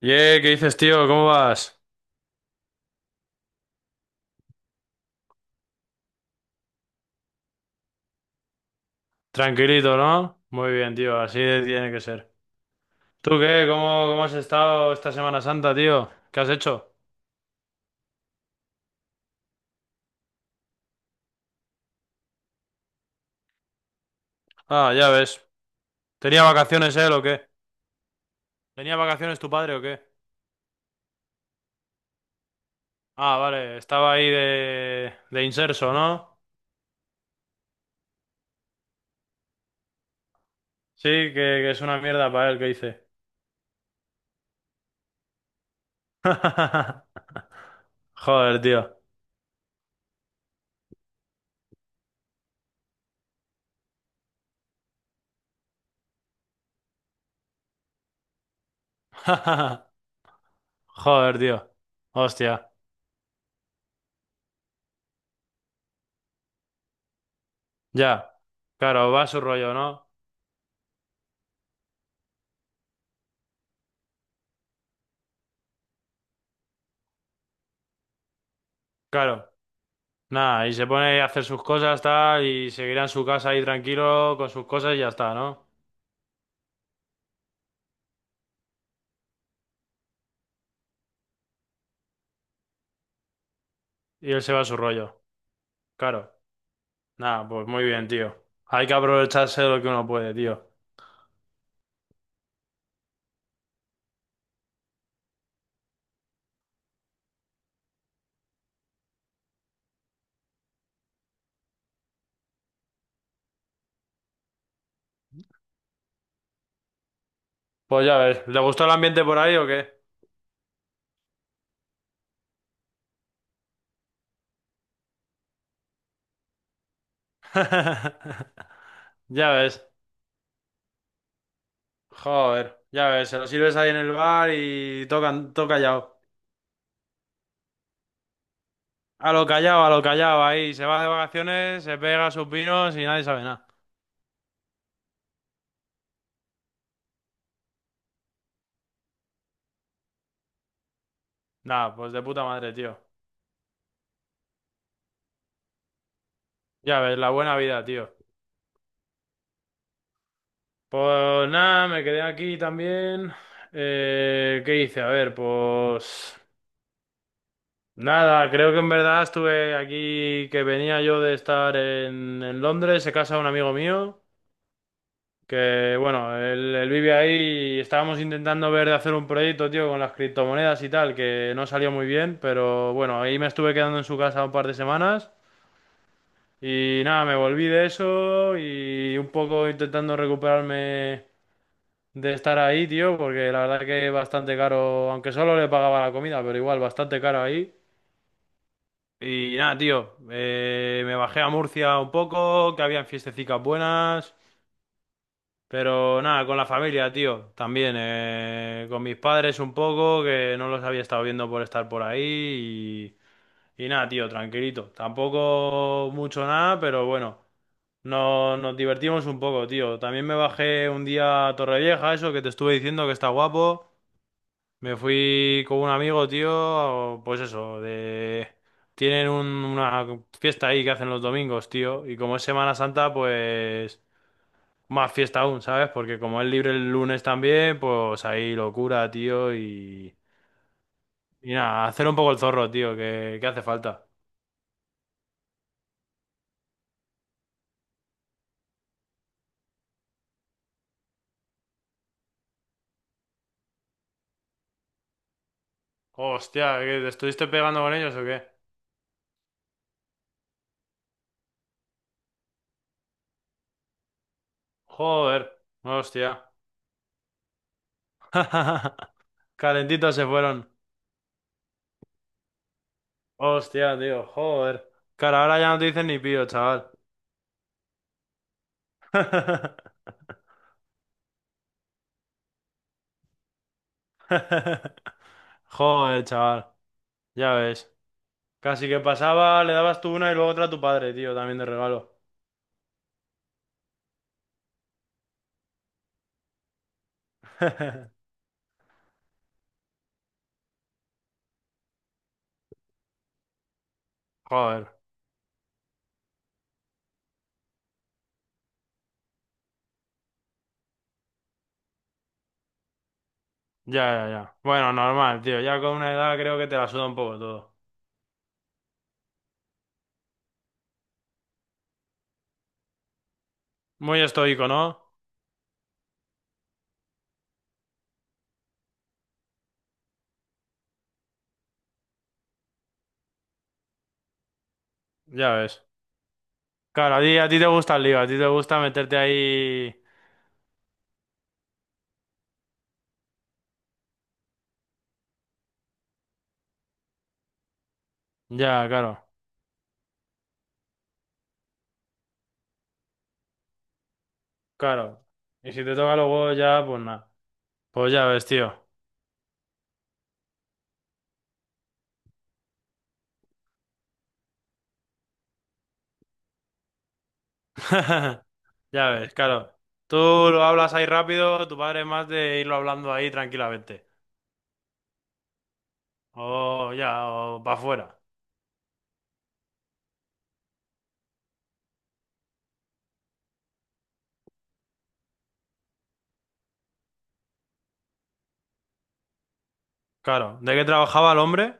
Yeah, ¿qué dices, tío? ¿Cómo vas? Tranquilito, ¿no? Muy bien, tío, así tiene que ser. ¿Tú qué? ¿Cómo has estado esta Semana Santa, tío? ¿Qué has hecho? Ah, ya ves. ¿Tenía vacaciones él o qué? ¿Tenía vacaciones tu padre o qué? Ah, vale, estaba ahí de inserso, ¿no? Sí, que es una mierda para él, ¿qué hice? Joder, tío. Joder, tío. Hostia. Ya. Claro, va a su rollo, ¿no? Claro. Nada, y se pone a hacer sus cosas, tal, y seguirá en su casa ahí tranquilo con sus cosas y ya está, ¿no? Y él se va a su rollo. Claro. Nada, pues muy bien, tío. Hay que aprovecharse de lo que uno puede, tío. Pues ya ves, ¿le gustó el ambiente por ahí o qué? Ya ves. Joder, ya ves, se lo sirves ahí en el bar y tocan, todo callado. A lo callado, a lo callado, ahí. Se va de vacaciones, se pega sus pinos y nadie sabe nada. Nada, pues de puta madre, tío. Ya ves, la buena vida, tío. Pues nada, me quedé aquí también. ¿Qué hice? A ver, pues nada, creo que en verdad estuve aquí, que venía yo de estar en Londres, se casa un amigo mío, que bueno, él vive ahí y estábamos intentando ver de hacer un proyecto, tío, con las criptomonedas y tal, que no salió muy bien, pero bueno, ahí me estuve quedando en su casa un par de semanas y nada, me volví de eso y un poco intentando recuperarme de estar ahí, tío, porque la verdad que es bastante caro, aunque solo le pagaba la comida, pero igual, bastante caro ahí. Y nada, tío, me bajé a Murcia un poco, que habían fiestecicas buenas, pero nada, con la familia, tío, también, con mis padres un poco, que no los había estado viendo por estar por ahí, y nada, tío, tranquilito. Tampoco mucho nada, pero bueno, no, nos divertimos un poco, tío. También me bajé un día a Torrevieja, eso que te estuve diciendo que está guapo. Me fui con un amigo, tío, pues eso, de... Tienen una fiesta ahí que hacen los domingos, tío, y como es Semana Santa, pues más fiesta aún, ¿sabes? Porque como es libre el lunes también, pues ahí locura, tío, y... Y nada, hacer un poco el zorro, tío, que hace falta. Hostia, ¿te estuviste pegando con ellos o qué? Joder, hostia. Calentitos se fueron. Hostia, tío, joder. Cara, ahora ya no te dicen ni pío, chaval. Joder, chaval. Ya ves. Casi que pasaba, le dabas tú una y luego otra a tu padre, tío, también de regalo. Joder. Ya, ya, ya. Bueno, normal, tío. Ya con una edad creo que te la suda un poco todo. Muy estoico, ¿no? Ya ves. Claro, a ti te gusta el lío, a ti te gusta meterte ahí. Ya, claro. Claro. Y si te toca los huevos ya, pues nada. Pues ya ves, tío. Ya ves, claro. Tú lo hablas ahí rápido, tu padre es más de irlo hablando ahí tranquilamente. O ya, o para afuera. Claro. ¿De qué trabajaba el hombre?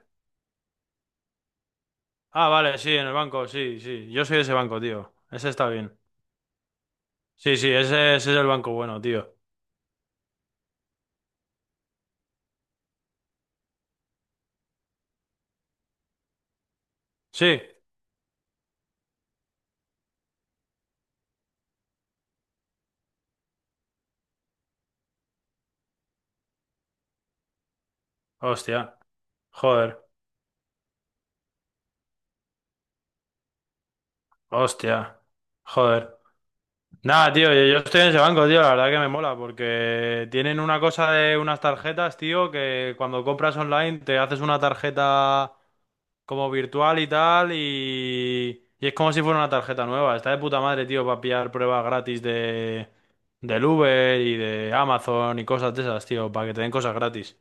Ah, vale, sí, en el banco, sí, sí. Yo soy de ese banco, tío. Ese está bien. Sí, sí, ese es el banco bueno, tío. Sí. Hostia. Joder. Hostia. Joder. Nada, tío, yo estoy en ese banco, tío. La verdad que me mola porque tienen una cosa de unas tarjetas, tío, que cuando compras online te haces una tarjeta como virtual y tal, y es como si fuera una tarjeta nueva. Está de puta madre, tío, para pillar pruebas gratis de del Uber y de Amazon y cosas de esas, tío, para que te den cosas gratis.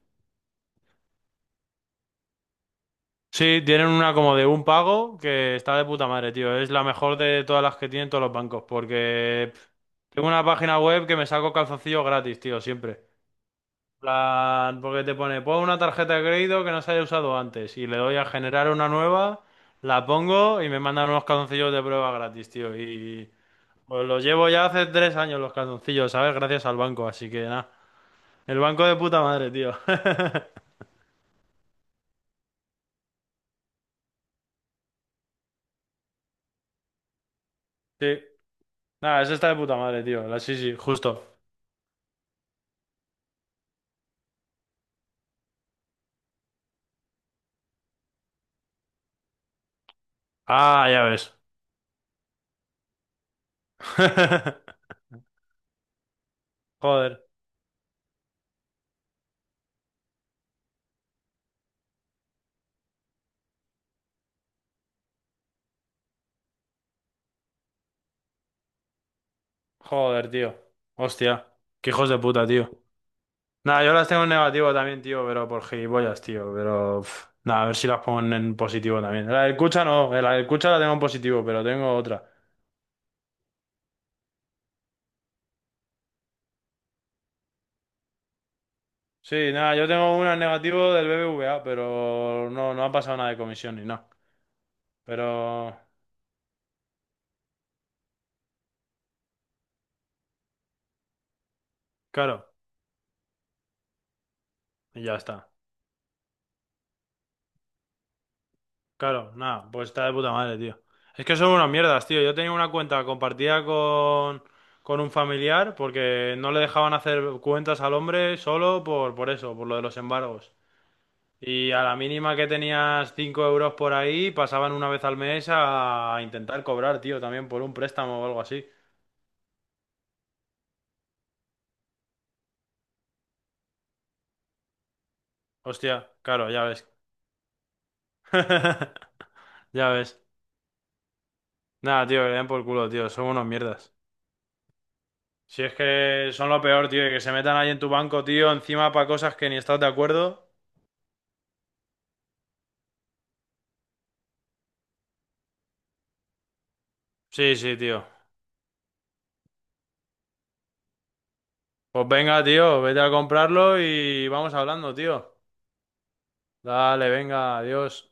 Sí, tienen una como de un pago que está de puta madre, tío. Es la mejor de todas las que tienen todos los bancos, porque pff, tengo una página web que me saco calzoncillos gratis, tío, siempre. Plan, porque te pone, pon una tarjeta de crédito que no se haya usado antes y le doy a generar una nueva, la pongo y me mandan unos calzoncillos de prueba gratis, tío. Y pues los llevo ya hace 3 años los calzoncillos, ¿sabes? Gracias al banco, así que nada. El banco de puta madre, tío. Sí. Nada, ese está de puta madre, tío. La, sí, sí, justo. Ah, ya ves. Joder, joder, tío. Hostia. Qué hijos de puta, tío. Nada, yo las tengo en negativo también, tío, pero por gilipollas, tío. Pero pf, nada, a ver si las pongo en positivo también. La del Cucha no, la del Cucha la tengo en positivo, pero tengo otra. Sí, nada, yo tengo una en negativo del BBVA, pero no, no ha pasado nada de comisión ni nada. Pero, claro, y ya está. Claro, nada, pues está de puta madre, tío. Es que son unas mierdas, tío. Yo tenía una cuenta compartida con un familiar porque no le dejaban hacer cuentas al hombre solo por eso, por lo de los embargos. Y a la mínima que tenías 5 euros por ahí, pasaban 1 vez al mes a intentar cobrar, tío, también por un préstamo o algo así. Hostia, claro, ya ves. Ya ves. Nada, tío, que le den por culo, tío, son unos mierdas. Si es que son lo peor, tío, y que se metan ahí en tu banco, tío, encima para cosas que ni estás de acuerdo. Sí, sí, tío. Pues venga, tío, vete a comprarlo y vamos hablando, tío. Dale, venga, adiós.